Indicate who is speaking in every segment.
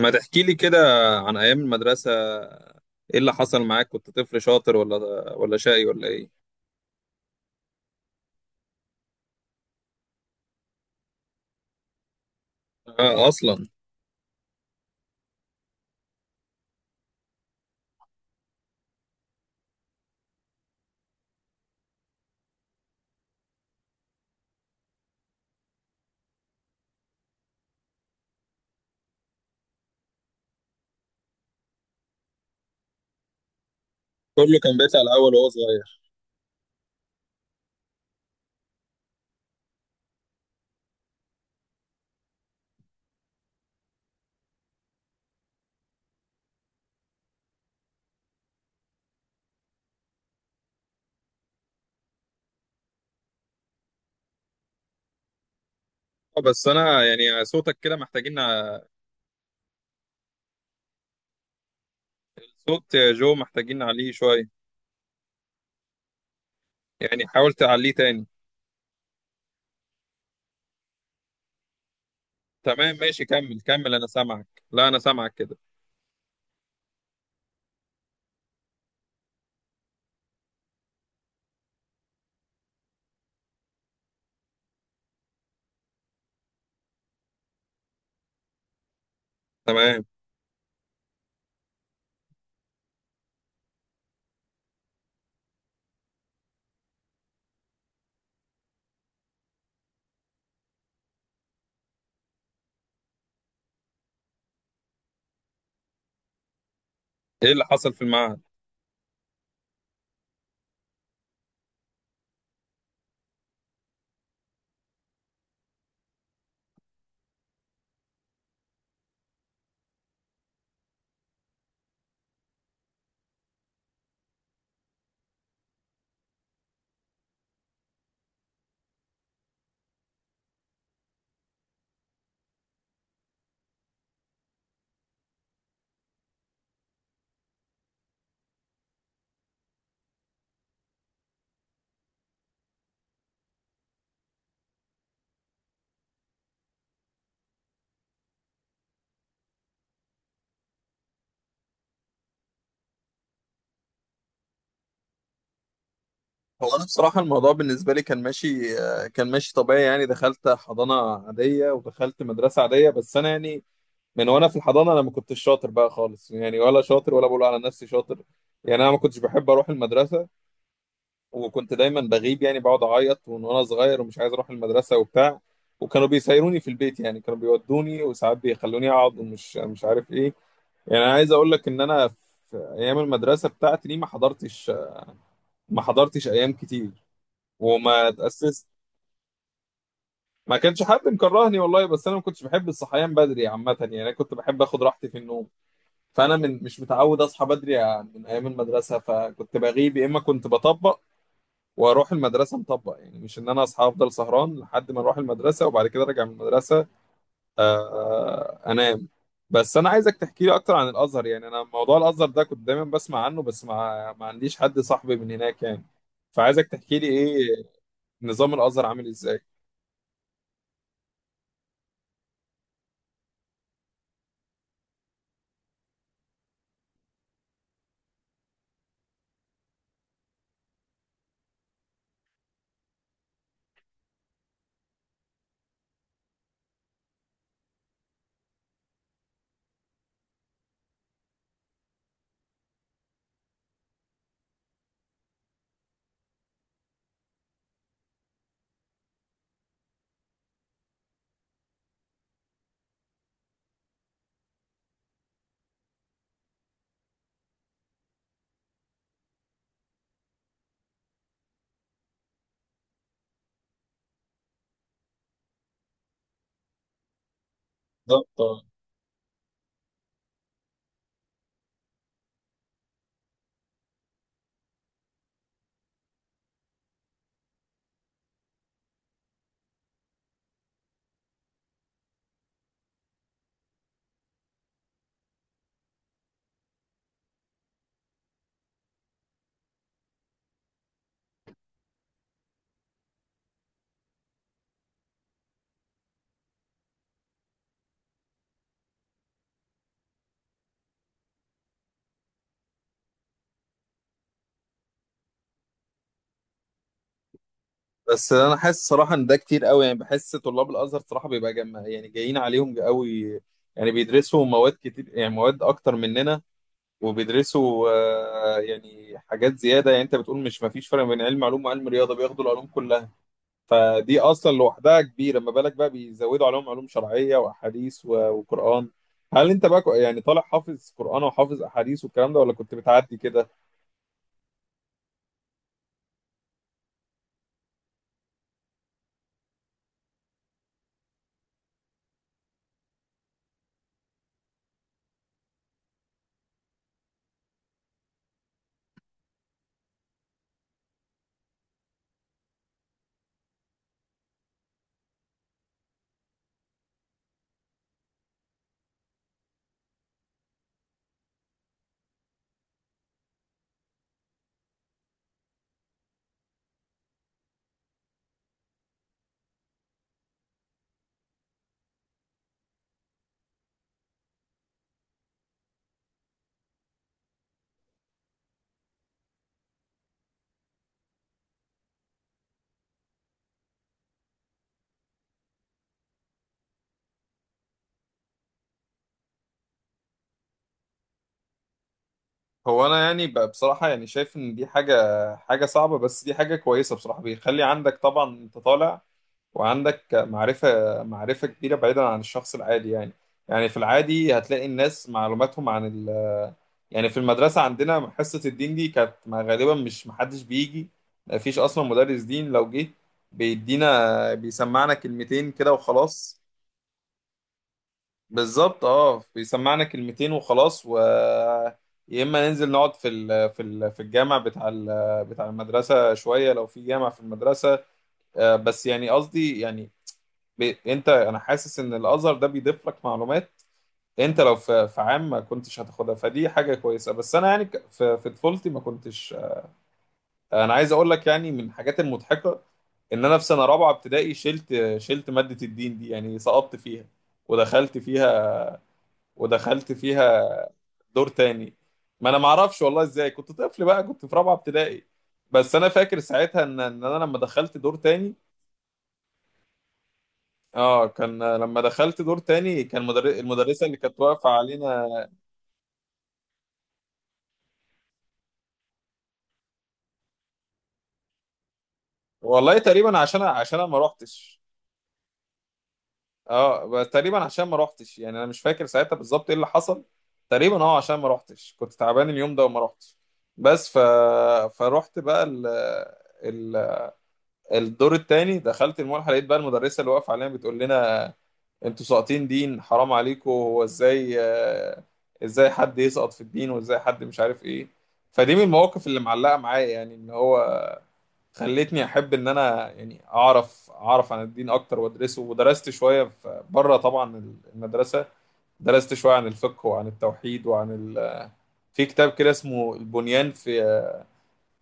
Speaker 1: ما تحكي لي كده عن ايام المدرسه. ايه اللي حصل معاك؟ كنت طفل شاطر ولا شقي ولا ايه؟ آه اصلا. كله كان بيطلع الاول وهو صغير؟ بس انا يعني صوتك كده محتاجين صوت يا جو، محتاجين عليه شويه، يعني حاول تعليه تاني. تمام، ماشي، كمل كمل، انا سامعك، لا انا سامعك كده. تمام، ايه اللي حصل في المعهد؟ هو انا بصراحه الموضوع بالنسبه لي كان ماشي، كان ماشي طبيعي. يعني دخلت حضانه عاديه ودخلت مدرسه عاديه، بس انا يعني من وانا في الحضانه، انا ما كنتش شاطر بقى خالص، يعني ولا شاطر ولا بقول على نفسي شاطر. يعني انا ما كنتش بحب اروح المدرسه، وكنت دايما بغيب، يعني بقعد اعيط ومن وانا صغير ومش عايز اروح المدرسه وبتاع. وكانوا بيسيروني في البيت، يعني كانوا بيودوني وساعات بيخلوني اقعد ومش مش عارف ايه. يعني انا عايز اقول لك ان انا في ايام المدرسه بتاعتي دي ما حضرتش، ايام كتير، وما اتاسست. ما كانش حد مكرهني والله، بس انا ما كنتش بحب الصحيان بدري عامه، يعني انا كنت بحب اخد راحتي في النوم. فانا من مش متعود اصحى بدري يعني من ايام المدرسه، فكنت بغيب يا اما كنت بطبق واروح المدرسه مطبق. يعني مش ان انا اصحى، افضل سهران لحد ما اروح المدرسه وبعد كده ارجع من المدرسه، انام. بس انا عايزك تحكي لي اكتر عن الازهر. يعني انا موضوع الازهر ده كنت دايما بسمع عنه، بس ما عنديش حد صاحبي من هناك يعني. فعايزك تحكي لي ايه نظام الازهر عامل ازاي. بالظبط. بس انا حاسس صراحه ان ده كتير قوي، يعني بحس طلاب الازهر صراحه بيبقى يعني جايين عليهم قوي. يعني بيدرسوا مواد كتير، يعني مواد اكتر مننا، وبيدرسوا يعني حاجات زياده. يعني انت بتقول مش ما فيش فرق بين علم علوم وعلم رياضه، بياخدوا العلوم كلها. فدي اصلا لوحدها كبيره، ما بالك بقى بيزودوا عليهم علوم شرعيه واحاديث وقران. هل انت بقى يعني طالع حافظ قران وحافظ احاديث والكلام ده، ولا كنت بتعدي كده؟ هو انا يعني بصراحه يعني شايف ان دي حاجه، صعبه، بس دي حاجه كويسه بصراحه، بيخلي عندك طبعا انت طالع وعندك معرفه، كبيره بعيدا عن الشخص العادي يعني. يعني في العادي هتلاقي الناس معلوماتهم عن ال، يعني في المدرسه عندنا حصه الدين دي كانت غالبا مش محدش بيجي، مفيش اصلا مدرس دين. لو جه بيدينا بيسمعنا كلمتين كده وخلاص. بالظبط، اه بيسمعنا كلمتين وخلاص، و يا اما ننزل نقعد في في الجامع بتاع بتاع المدرسه شويه لو في جامع في المدرسه. بس يعني قصدي يعني انت انا حاسس ان الازهر ده بيضيف لك معلومات انت لو في عام ما كنتش هتاخدها، فدي حاجه كويسه. بس انا يعني في طفولتي ما كنتش، انا عايز اقول لك يعني من الحاجات المضحكه ان انا في سنه رابعه ابتدائي شلت، ماده الدين دي، يعني سقطت فيها ودخلت فيها، ودخلت فيها دور تاني. ما انا ما اعرفش والله ازاي، كنت طفل بقى كنت في رابعه ابتدائي. بس انا فاكر ساعتها ان انا لما دخلت دور تاني، اه كان لما دخلت دور تاني كان المدرسه اللي كانت واقفه علينا. والله تقريبا عشان، انا ما روحتش. اه بس تقريبا عشان ما روحتش، يعني انا مش فاكر ساعتها بالظبط ايه اللي حصل. تقريبا اه عشان ما روحتش، كنت تعبان اليوم ده وما روحتش. بس فروحت بقى ال... الدور التاني، دخلت الملحه لقيت بقى المدرسه اللي واقفه علينا بتقول لنا انتوا ساقطين دين، حرام عليكم، هو ازاي؟ ازاي حد يسقط في الدين وازاي حد مش عارف ايه؟ فدي من المواقف اللي معلقه معايا يعني، ان هو خلتني احب ان انا يعني اعرف، عن الدين اكتر وادرسه. ودرست شويه بره طبعا المدرسه، درست شويه عن الفقه وعن التوحيد وعن في كتاب كده اسمه البنيان في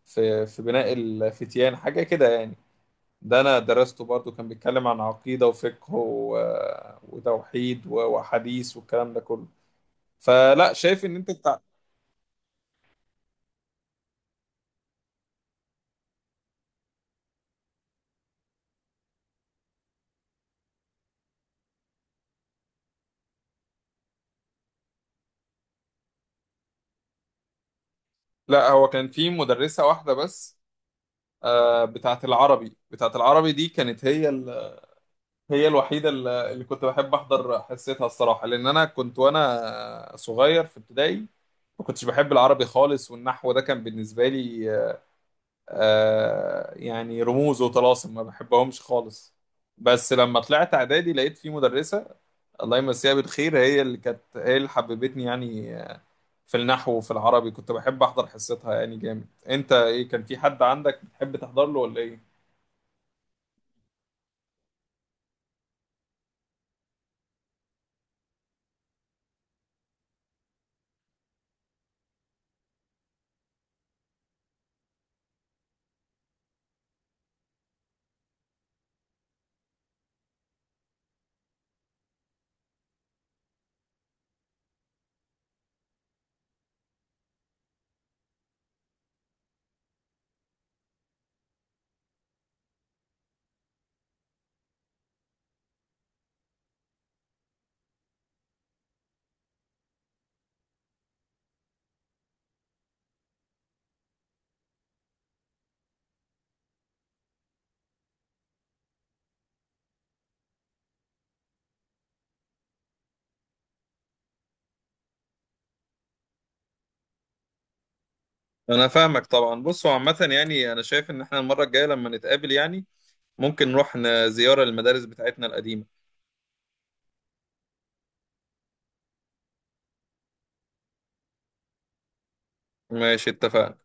Speaker 1: في بناء الفتيان، حاجه كده يعني. ده انا درسته برضو، كان بيتكلم عن عقيدة وفقه وتوحيد وحديث والكلام ده كله. فلا شايف ان انت بتاع، لا هو كان في مدرسة واحدة بس، بتاعت العربي. بتاعت العربي دي كانت هي هي الوحيدة اللي كنت بحب احضر حصتها الصراحة، لان انا كنت وانا صغير في ابتدائي ما كنتش بحب العربي خالص، والنحو ده كان بالنسبة لي يعني رموز وطلاسم ما بحبهمش خالص. بس لما طلعت اعدادي لقيت في مدرسة الله يمسيها بالخير، هي اللي كانت، هي اللي حببتني يعني في النحو وفي العربي، كنت بحب احضر حصتها يعني جامد. انت ايه؟ كان في حد عندك بتحب تحضر له ولا ايه؟ انا فاهمك طبعا. بص هو عامه، يعني انا شايف ان احنا المره الجايه لما نتقابل يعني ممكن نروح زياره للمدارس بتاعتنا القديمه. ماشي اتفقنا.